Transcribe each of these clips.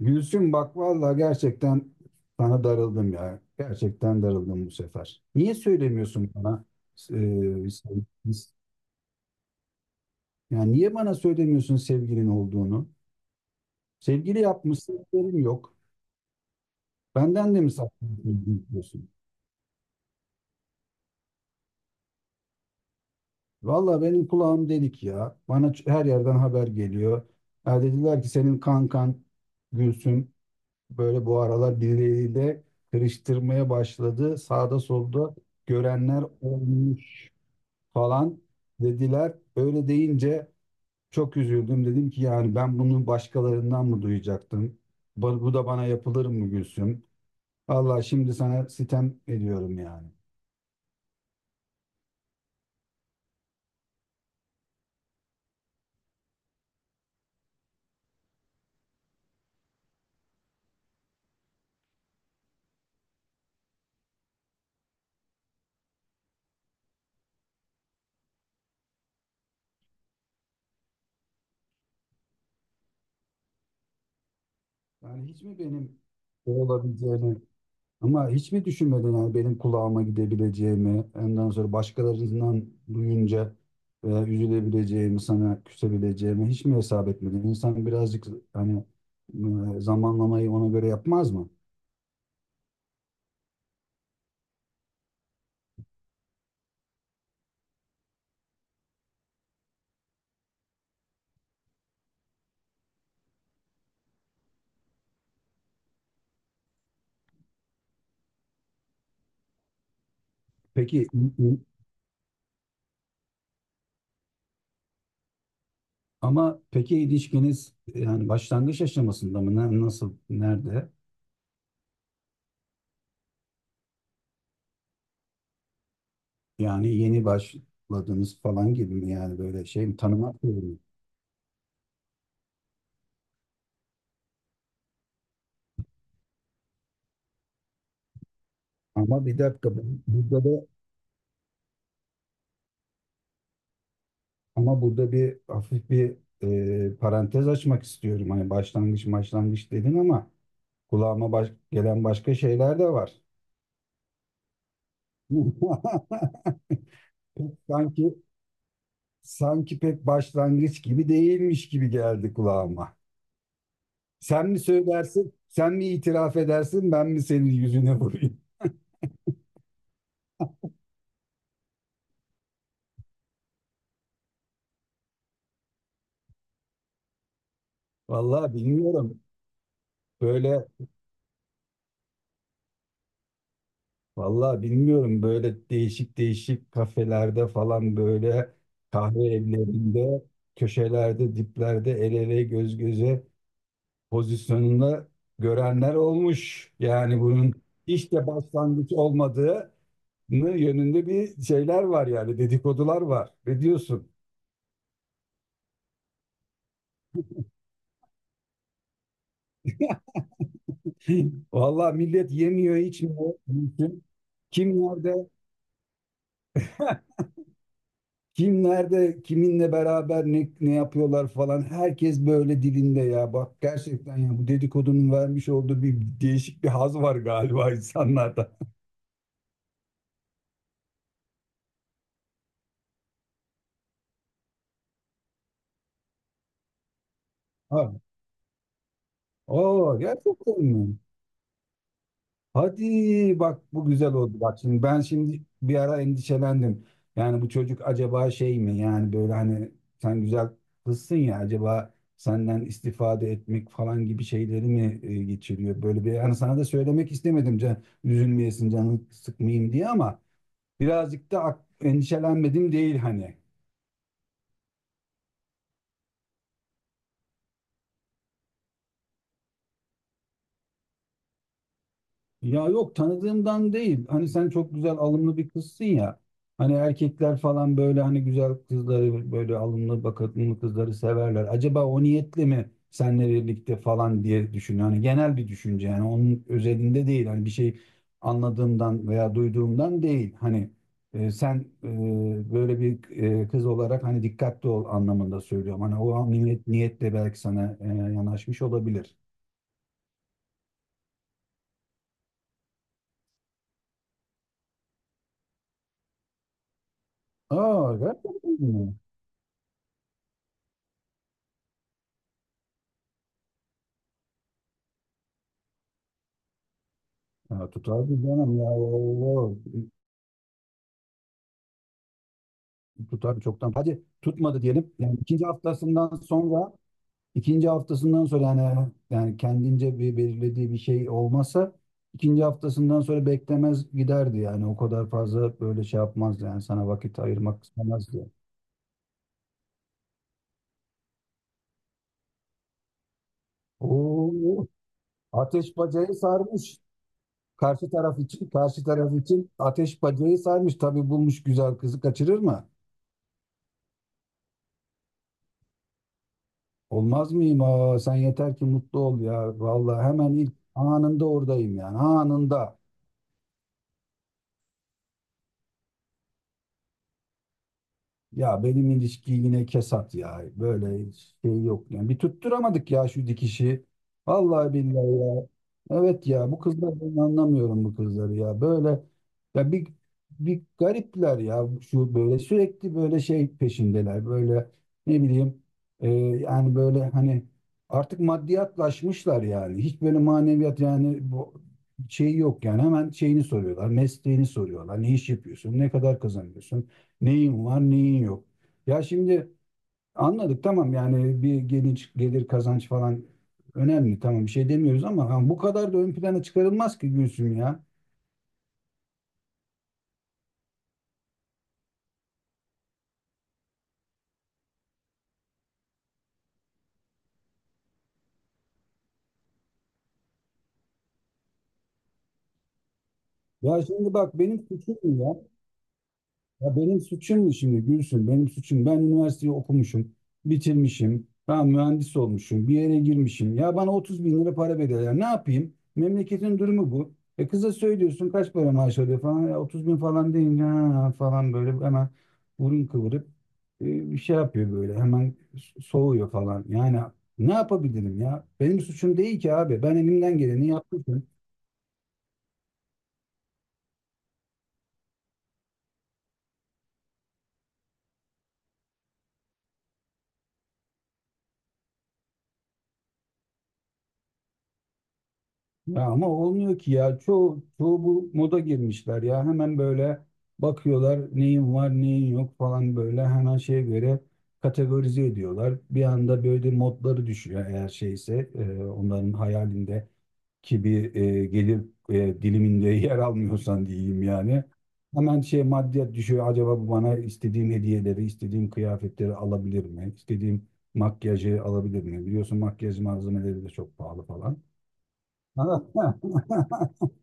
Gülsüm bak vallahi gerçekten sana darıldım ya. Gerçekten darıldım bu sefer. Niye söylemiyorsun bana? e, sevgilin- yani niye bana söylemiyorsun sevgilin olduğunu? Sevgili yapmışsın, haberim yok. Benden de mi saklıyorsun? Diyorsun? Vallahi benim kulağım delik ya. Bana her yerden haber geliyor. Ha dediler ki senin kankan Gülsüm böyle bu aralar birileriyle karıştırmaya başladı. Sağda solda görenler olmuş falan dediler. Öyle deyince çok üzüldüm. Dedim ki yani ben bunu başkalarından mı duyacaktım? Bu da bana yapılır mı Gülsüm? Allah şimdi sana sitem ediyorum yani. Yani hiç mi benim olabileceğini ama hiç mi düşünmedin yani benim kulağıma gidebileceğimi, ondan sonra başkalarından duyunca üzülebileceğimi, sana küsebileceğimi hiç mi hesap etmedin? İnsan birazcık hani zamanlamayı ona göre yapmaz mı? Peki Ama peki ilişkiniz yani başlangıç aşamasında mı? Nasıl? Nerede? Yani yeni başladınız falan gibi mi? Yani böyle şey mi? Tanımak gibi mi? Ama bir dakika burada da ama burada bir hafif bir parantez açmak istiyorum. Hani başlangıç başlangıç dedin ama kulağıma gelen başka şeyler de var. Sanki sanki pek başlangıç gibi değilmiş gibi geldi kulağıma. Sen mi söylersin, sen mi itiraf edersin, ben mi senin yüzüne vurayım? Vallahi bilmiyorum. Böyle, vallahi bilmiyorum. Böyle değişik değişik kafelerde falan böyle kahve evlerinde, köşelerde, diplerde el ele göz göze pozisyonunda görenler olmuş. Yani bunun hiç de başlangıç olmadığı yönünde bir şeyler var yani dedikodular var. Ne diyorsun? Vallahi millet yemiyor, içmiyor. Mümkün. Kim nerede? Kim nerede, kiminle beraber ne yapıyorlar falan. Herkes böyle dilinde ya. Bak gerçekten ya bu dedikodunun vermiş olduğu bir değişik bir haz var galiba insanlarda. Ha. Oo gerçekten mi? Hadi bak bu güzel oldu. Bak şimdi ben şimdi bir ara endişelendim. Yani bu çocuk acaba şey mi? Yani böyle hani sen güzel kızsın ya acaba senden istifade etmek falan gibi şeyleri mi geçiriyor? Böyle bir hani sana da söylemek istemedim can üzülmeyesin canını sıkmayayım diye ama birazcık da endişelenmedim değil hani. Ya yok tanıdığımdan değil. Hani sen çok güzel alımlı bir kızsın ya. Hani erkekler falan böyle hani güzel kızları böyle alımlı bakımlı kızları severler. Acaba o niyetle mi seninle birlikte falan diye düşünüyor. Hani genel bir düşünce yani onun özelinde değil. Hani bir şey anladığımdan veya duyduğumdan değil. Hani sen böyle bir kız olarak hani dikkatli ol anlamında söylüyorum. Hani o an niyetle belki sana yanaşmış olabilir. Aa, gerçekten mi? Ha, tutar bir canım ya Allah. Tutar çoktan. Hadi tutmadı diyelim. Yani ikinci haftasından sonra yani kendince bir belirlediği bir şey olmasa ikinci haftasından sonra beklemez giderdi yani o kadar fazla böyle şey yapmazdı yani sana vakit ayırmak istemezdi. Oo, ateş bacayı sarmış. Karşı taraf için, ateş bacayı sarmış. Tabii bulmuş güzel kızı kaçırır mı? Olmaz mıyım? Aa, sen yeter ki mutlu ol ya. Vallahi hemen ilk anında oradayım yani. Anında. Ya benim ilişki yine kesat ya. Böyle şey yok. Yani bir tutturamadık ya şu dikişi. Vallahi billahi ya. Evet ya bu kızlar ben anlamıyorum bu kızları ya. Böyle ya bir garipler ya şu böyle sürekli böyle şey peşindeler. Böyle ne bileyim yani böyle hani artık maddiyatlaşmışlar yani. Hiç böyle maneviyat yani bu şey yok yani. Hemen şeyini soruyorlar, mesleğini soruyorlar. Ne iş yapıyorsun? Ne kadar kazanıyorsun? Neyin var, neyin yok. Ya şimdi anladık tamam yani bir gelir kazanç falan önemli tamam bir şey demiyoruz ama ha, bu kadar da ön plana çıkarılmaz ki Gülsüm ya. Ya şimdi bak benim suçum mu ya? Ya benim suçum mu şimdi Gülsün? Benim suçum. Ben üniversiteyi okumuşum, bitirmişim. Ben mühendis olmuşum, bir yere girmişim. Ya bana 30 bin lira para bedel. Ne yapayım? Memleketin durumu bu. E kıza söylüyorsun kaç para maaş alıyor falan. Ya 30 bin falan deyince ha, falan böyle hemen burun kıvırıp bir şey yapıyor böyle. Hemen soğuyor falan. Yani ne yapabilirim ya? Benim suçum değil ki abi. Ben elimden geleni yaptım. Ya ama olmuyor ki ya. Çoğu bu moda girmişler ya. Hemen böyle bakıyorlar neyin var neyin yok falan böyle hemen şeye göre kategorize ediyorlar. Bir anda böyle modları düşüyor eğer şeyse onların hayalindeki bir gelir diliminde yer almıyorsan diyeyim yani. Hemen şey maddiyat düşüyor. Acaba bu bana istediğim hediyeleri, istediğim kıyafetleri alabilir mi? İstediğim makyajı alabilir mi? Biliyorsun makyaj malzemeleri de çok pahalı falan.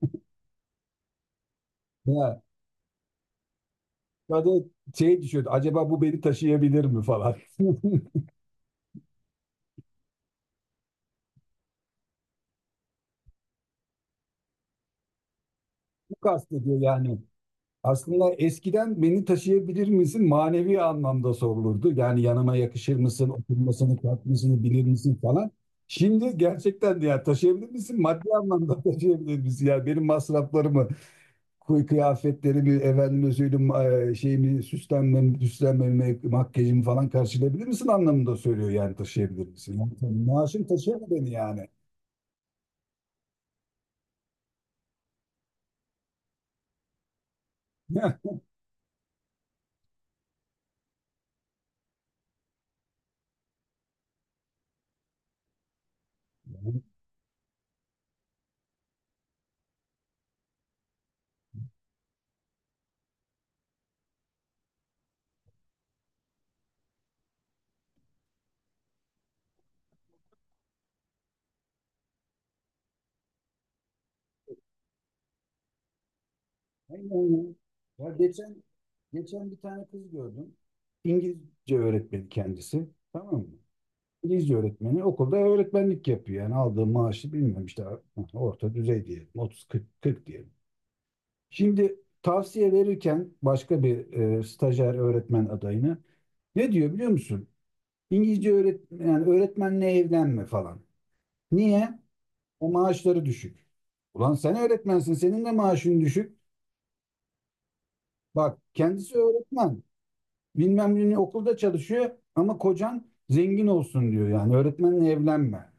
Ya, ya da şey düşüyordu. Acaba bu beni taşıyabilir mi falan. Bu kastediyor yani. Aslında eskiden beni taşıyabilir misin manevi anlamda sorulurdu. Yani yanıma yakışır mısın, oturmasını, kalkmasını bilir misin falan. Şimdi gerçekten de ya taşıyabilir misin? Maddi anlamda taşıyabilir misin? Yani benim masraflarımı, kıyafetleri bir efendime söyleyeyim şeyimi süslenmemi, makyajımı falan karşılayabilir misin anlamında söylüyor yani taşıyabilir misin? Yani tabii maaşın taşıyamıyor beni yani. Heh. Aynen ya. Ya geçen bir tane kız gördüm. İngilizce öğretmeni kendisi. Tamam mı? İngilizce öğretmeni okulda öğretmenlik yapıyor. Yani aldığı maaşı bilmiyorum işte orta düzey diyelim. 30-40, 40 diyelim. Şimdi tavsiye verirken başka bir stajyer öğretmen adayını. Ne diyor biliyor musun? İngilizce öğretmen, yani öğretmenle evlenme falan. Niye? O maaşları düşük. Ulan sen öğretmensin, senin de maaşın düşük. Bak kendisi öğretmen. Bilmem ne okulda çalışıyor ama kocan zengin olsun diyor yani öğretmenle evlenme.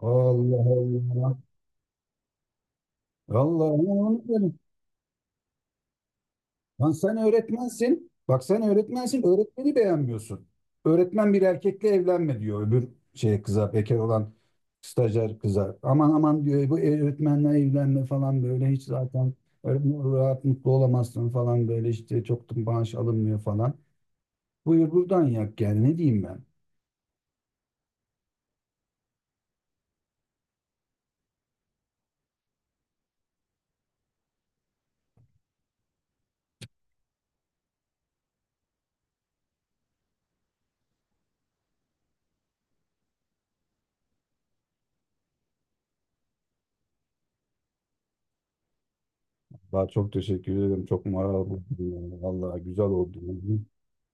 Allah Allah. Allah Allah. Lan sen öğretmensin. Bak sen öğretmensin. Öğretmeni beğenmiyorsun. Öğretmen bir erkekle evlenme diyor öbür şey kıza bekar olan stajyer kıza. Aman aman diyor bu öğretmenle evlenme falan böyle hiç zaten öğretmen rahat mutlu olamazsın falan böyle işte çok da maaş alınmıyor falan. Buyur buradan yak yani ne diyeyim ben. Daha çok teşekkür ederim. Çok moral buldum yani. Vallahi güzel oldu.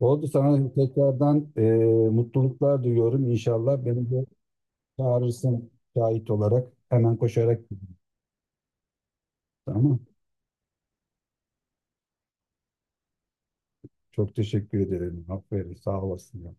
Oldu sana tekrardan mutluluklar diliyorum. İnşallah benim de çağırırsın şahit olarak hemen koşarak gitti ama çok teşekkür ederim. Aferin sağ olasın ya.